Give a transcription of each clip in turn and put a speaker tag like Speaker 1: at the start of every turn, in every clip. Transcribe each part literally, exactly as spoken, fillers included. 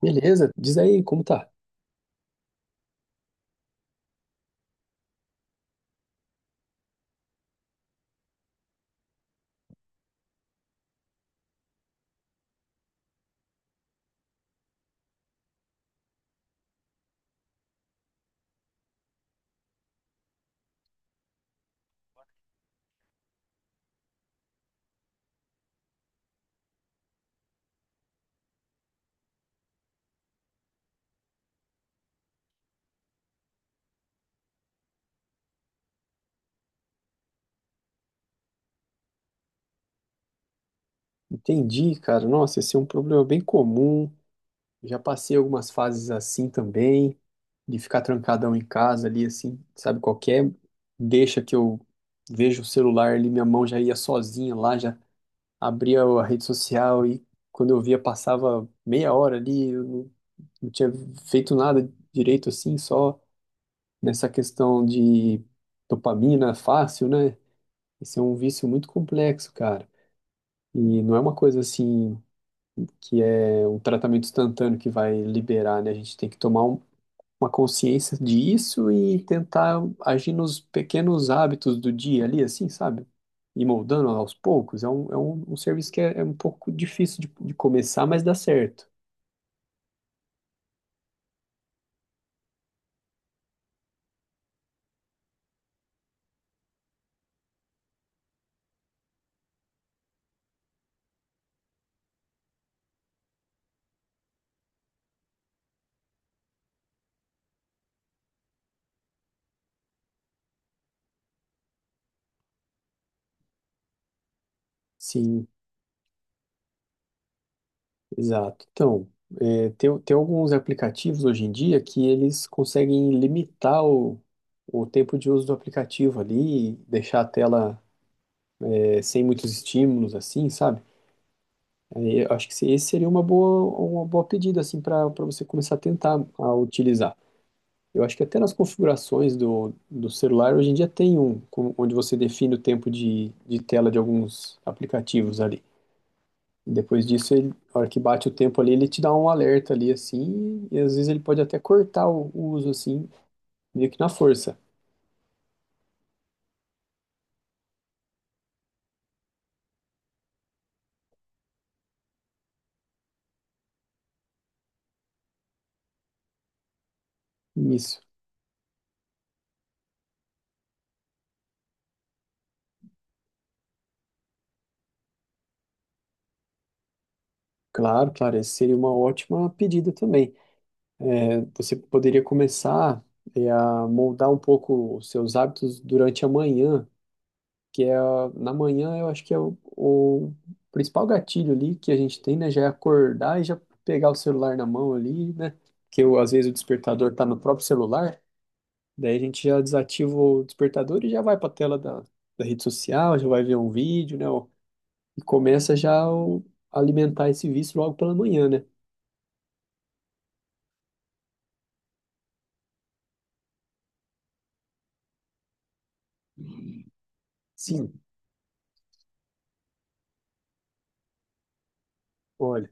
Speaker 1: Beleza, diz aí como tá. Entendi, cara. Nossa, esse é um problema bem comum. Já passei algumas fases assim também, de ficar trancadão em casa ali, assim, sabe, qualquer deixa que eu vejo o celular ali, minha mão já ia sozinha lá, já abria a rede social e quando eu via passava meia hora ali, eu não, não tinha feito nada direito assim, só nessa questão de dopamina fácil, né? Esse é um vício muito complexo, cara. E não é uma coisa assim que é um tratamento instantâneo que vai liberar, né? A gente tem que tomar um uma consciência disso e tentar agir nos pequenos hábitos do dia ali, assim, sabe? E moldando aos poucos. É um, é um, um serviço que é, é um pouco difícil de, de começar, mas dá certo. Sim, exato. Então, é, tem, tem alguns aplicativos hoje em dia que eles conseguem limitar o, o tempo de uso do aplicativo ali, deixar a tela, é, sem muitos estímulos, assim, sabe? Aí, eu acho que esse seria uma boa, uma boa pedida, assim, para para você começar a tentar a utilizar. Eu acho que até nas configurações do, do celular hoje em dia tem um, com- onde você define o tempo de, de tela de alguns aplicativos ali. E depois disso, ele, na hora que bate o tempo ali, ele te dá um alerta ali assim, e às vezes ele pode até cortar o, o uso assim, meio que na força. Isso. Claro, claro, essa seria uma ótima pedida também. É, você poderia começar, é, a moldar um pouco os seus hábitos durante a manhã que é a- na manhã, eu acho que é o, o principal gatilho ali que a gente tem, né? Já é acordar e já pegar o celular na mão ali, né? Porque eu, às vezes o despertador tá no próprio celular, daí a gente já desativa o despertador e já vai para a tela da, da rede social, já vai ver um vídeo, né? Ó, e começa já o, alimentar esse vício logo pela manhã, né? Sim, olha,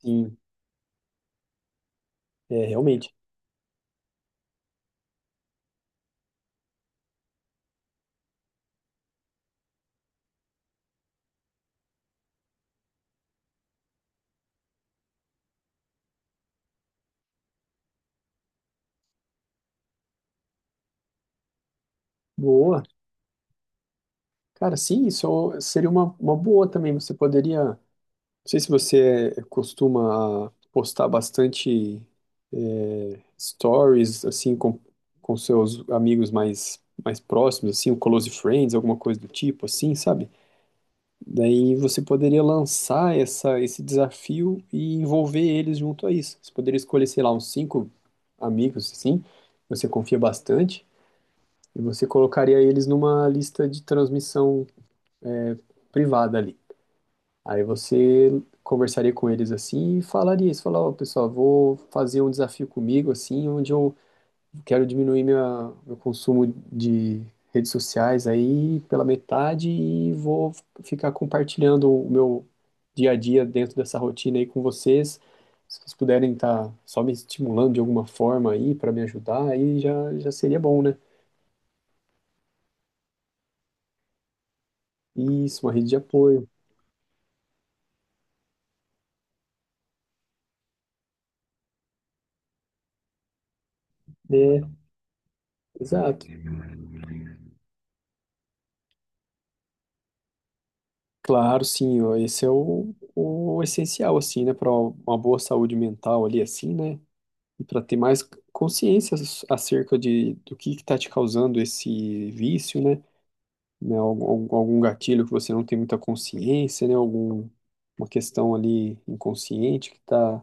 Speaker 1: sim, é realmente. Boa. Cara, sim, isso seria uma, uma boa também. Você poderia. Não sei se você eh, costuma postar bastante eh, stories assim com, com seus amigos mais mais próximos, assim, o close friends, alguma coisa do tipo, assim, sabe? Daí você poderia lançar essa esse desafio e envolver eles junto a isso. Você poderia escolher, sei lá, uns cinco amigos assim, que você confia bastante, e você colocaria eles numa lista de transmissão eh, privada ali. Aí você conversaria com eles assim e falaria isso, falar, ó, pessoal, vou fazer um desafio comigo assim, onde eu quero diminuir minha, meu consumo de redes sociais aí pela metade e vou ficar compartilhando o meu dia a dia dentro dessa rotina aí com vocês. Se vocês puderem estar só me estimulando de alguma forma aí para me ajudar, aí já, já seria bom, né? Isso, uma rede de apoio. É, exato. Claro, sim, ó, esse é o, o essencial, assim, né, para uma boa saúde mental ali, assim, né, e para ter mais consciência s- acerca de, do que está te causando esse vício, né, né, algum, algum gatilho que você não tem muita consciência, né, algum, uma questão ali inconsciente que tá,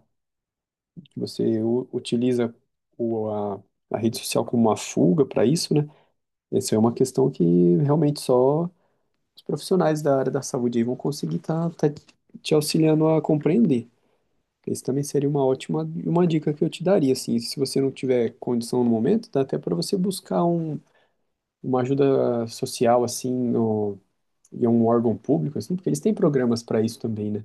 Speaker 1: que você u- utiliza o, a, a rede social como uma fuga para isso, né, essa é uma questão que realmente só os profissionais da área da saúde aí vão conseguir estar te auxiliando a compreender. Esse também seria uma ótima uma dica que eu te daria, assim, se você não tiver condição no momento, dá até para você buscar um, uma ajuda social, assim, no, em um órgão público, assim, porque eles têm programas para isso também, né?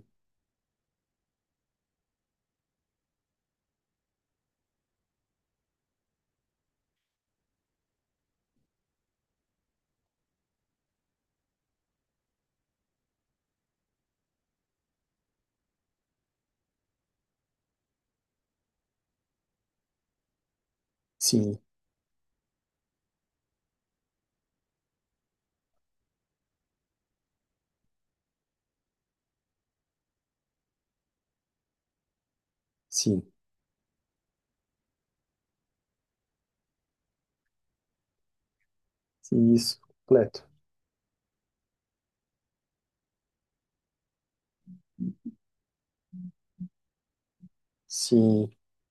Speaker 1: Sim, sim, sim, isso, completo. Sim,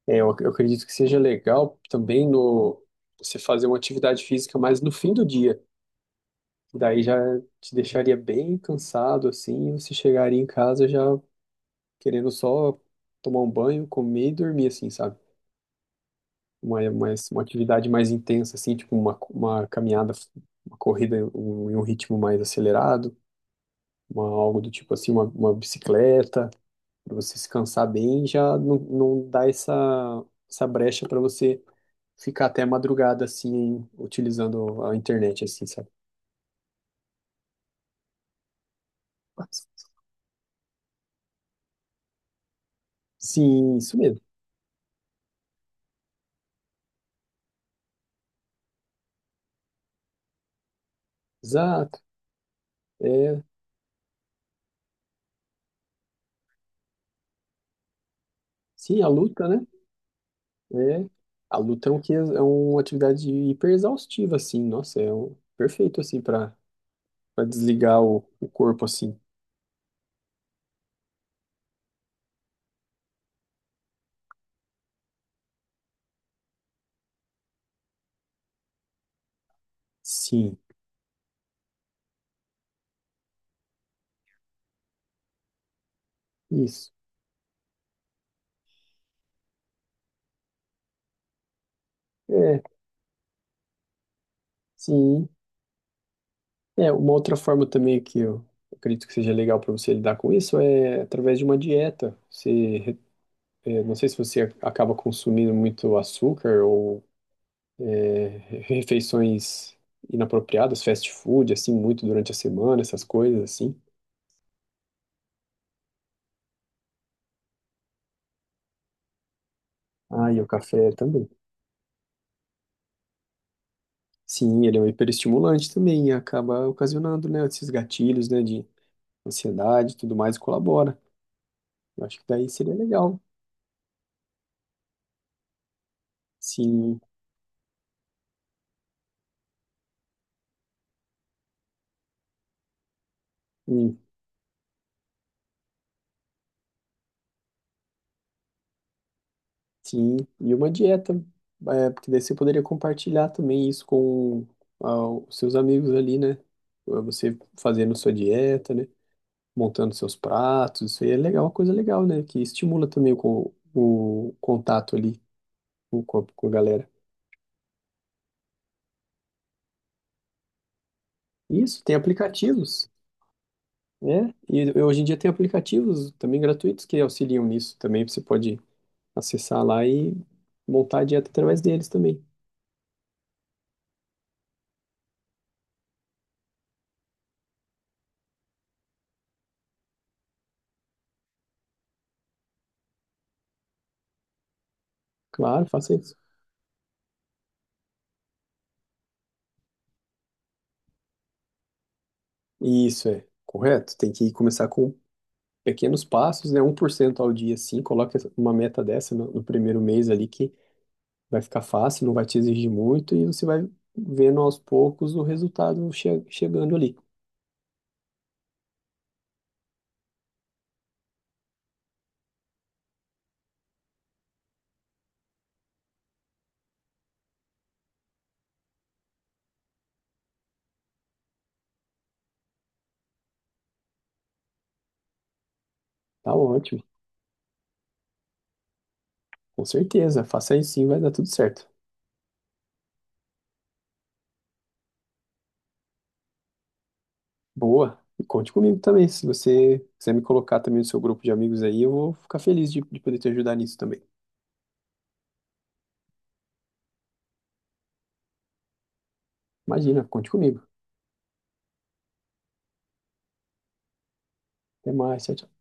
Speaker 1: é, eu, eu acredito que seja legal também no você fazer uma atividade física mais no fim do dia. Daí já te deixaria bem cansado, assim, e você chegaria em casa já querendo só tomar um banho, comer e dormir, assim, sabe? Uma, uma, uma atividade mais intensa, assim, tipo uma, uma caminhada, uma corrida em um, em um ritmo mais acelerado, uma, algo do tipo assim, uma, uma bicicleta, para você se cansar bem, já não, não dá essa, essa brecha para você ficar até a madrugada, assim, utilizando a internet, assim, sabe? Sim, isso mesmo. Exato. É. Sim, a luta, né? É, a luta é, um, que- é uma atividade hiper exaustiva, assim. Nossa, é um, perfeito, assim, para para desligar o, o corpo, assim. Sim, isso. É, sim. É, uma outra forma também que eu acredito que seja legal para você lidar com isso é através de uma dieta. Você, re- é, não sei se você acaba consumindo muito açúcar ou re- refeições inapropriadas, fast food, assim, muito durante a semana, essas coisas, assim. Ah, e o café também. Sim, ele é um hiperestimulante também e acaba ocasionando, né, esses gatilhos, né, de ansiedade e tudo mais, e colabora. Eu acho que daí seria legal. Sim, hum, sim. E uma dieta, é, porque daí você poderia compartilhar também isso com ah, os seus amigos ali, né? Ah, você fazendo sua dieta, né? Montando seus pratos, isso aí é legal, uma coisa legal, né? Que estimula também o, co- o contato ali com, com a com a galera. Isso, tem aplicativos. Né, e hoje em dia tem aplicativos também gratuitos que auxiliam nisso também. Você pode acessar lá e montar a dieta através deles também. Claro, faça isso. Isso é correto. Tem que começar com pequenos passos, né? Um por cento ao dia, sim. Coloque uma meta dessa no, no primeiro mês ali que vai ficar fácil, não vai te exigir muito e você vai vendo aos poucos o resultado che- chegando ali. Tá ótimo. Com certeza. Faça isso sim, vai dar tudo certo. Boa. E conte comigo também. Se você quiser me colocar também no seu grupo de amigos aí, eu vou ficar feliz de, de poder te ajudar nisso também. Imagina, conte comigo. Até mais, tchau, tchau.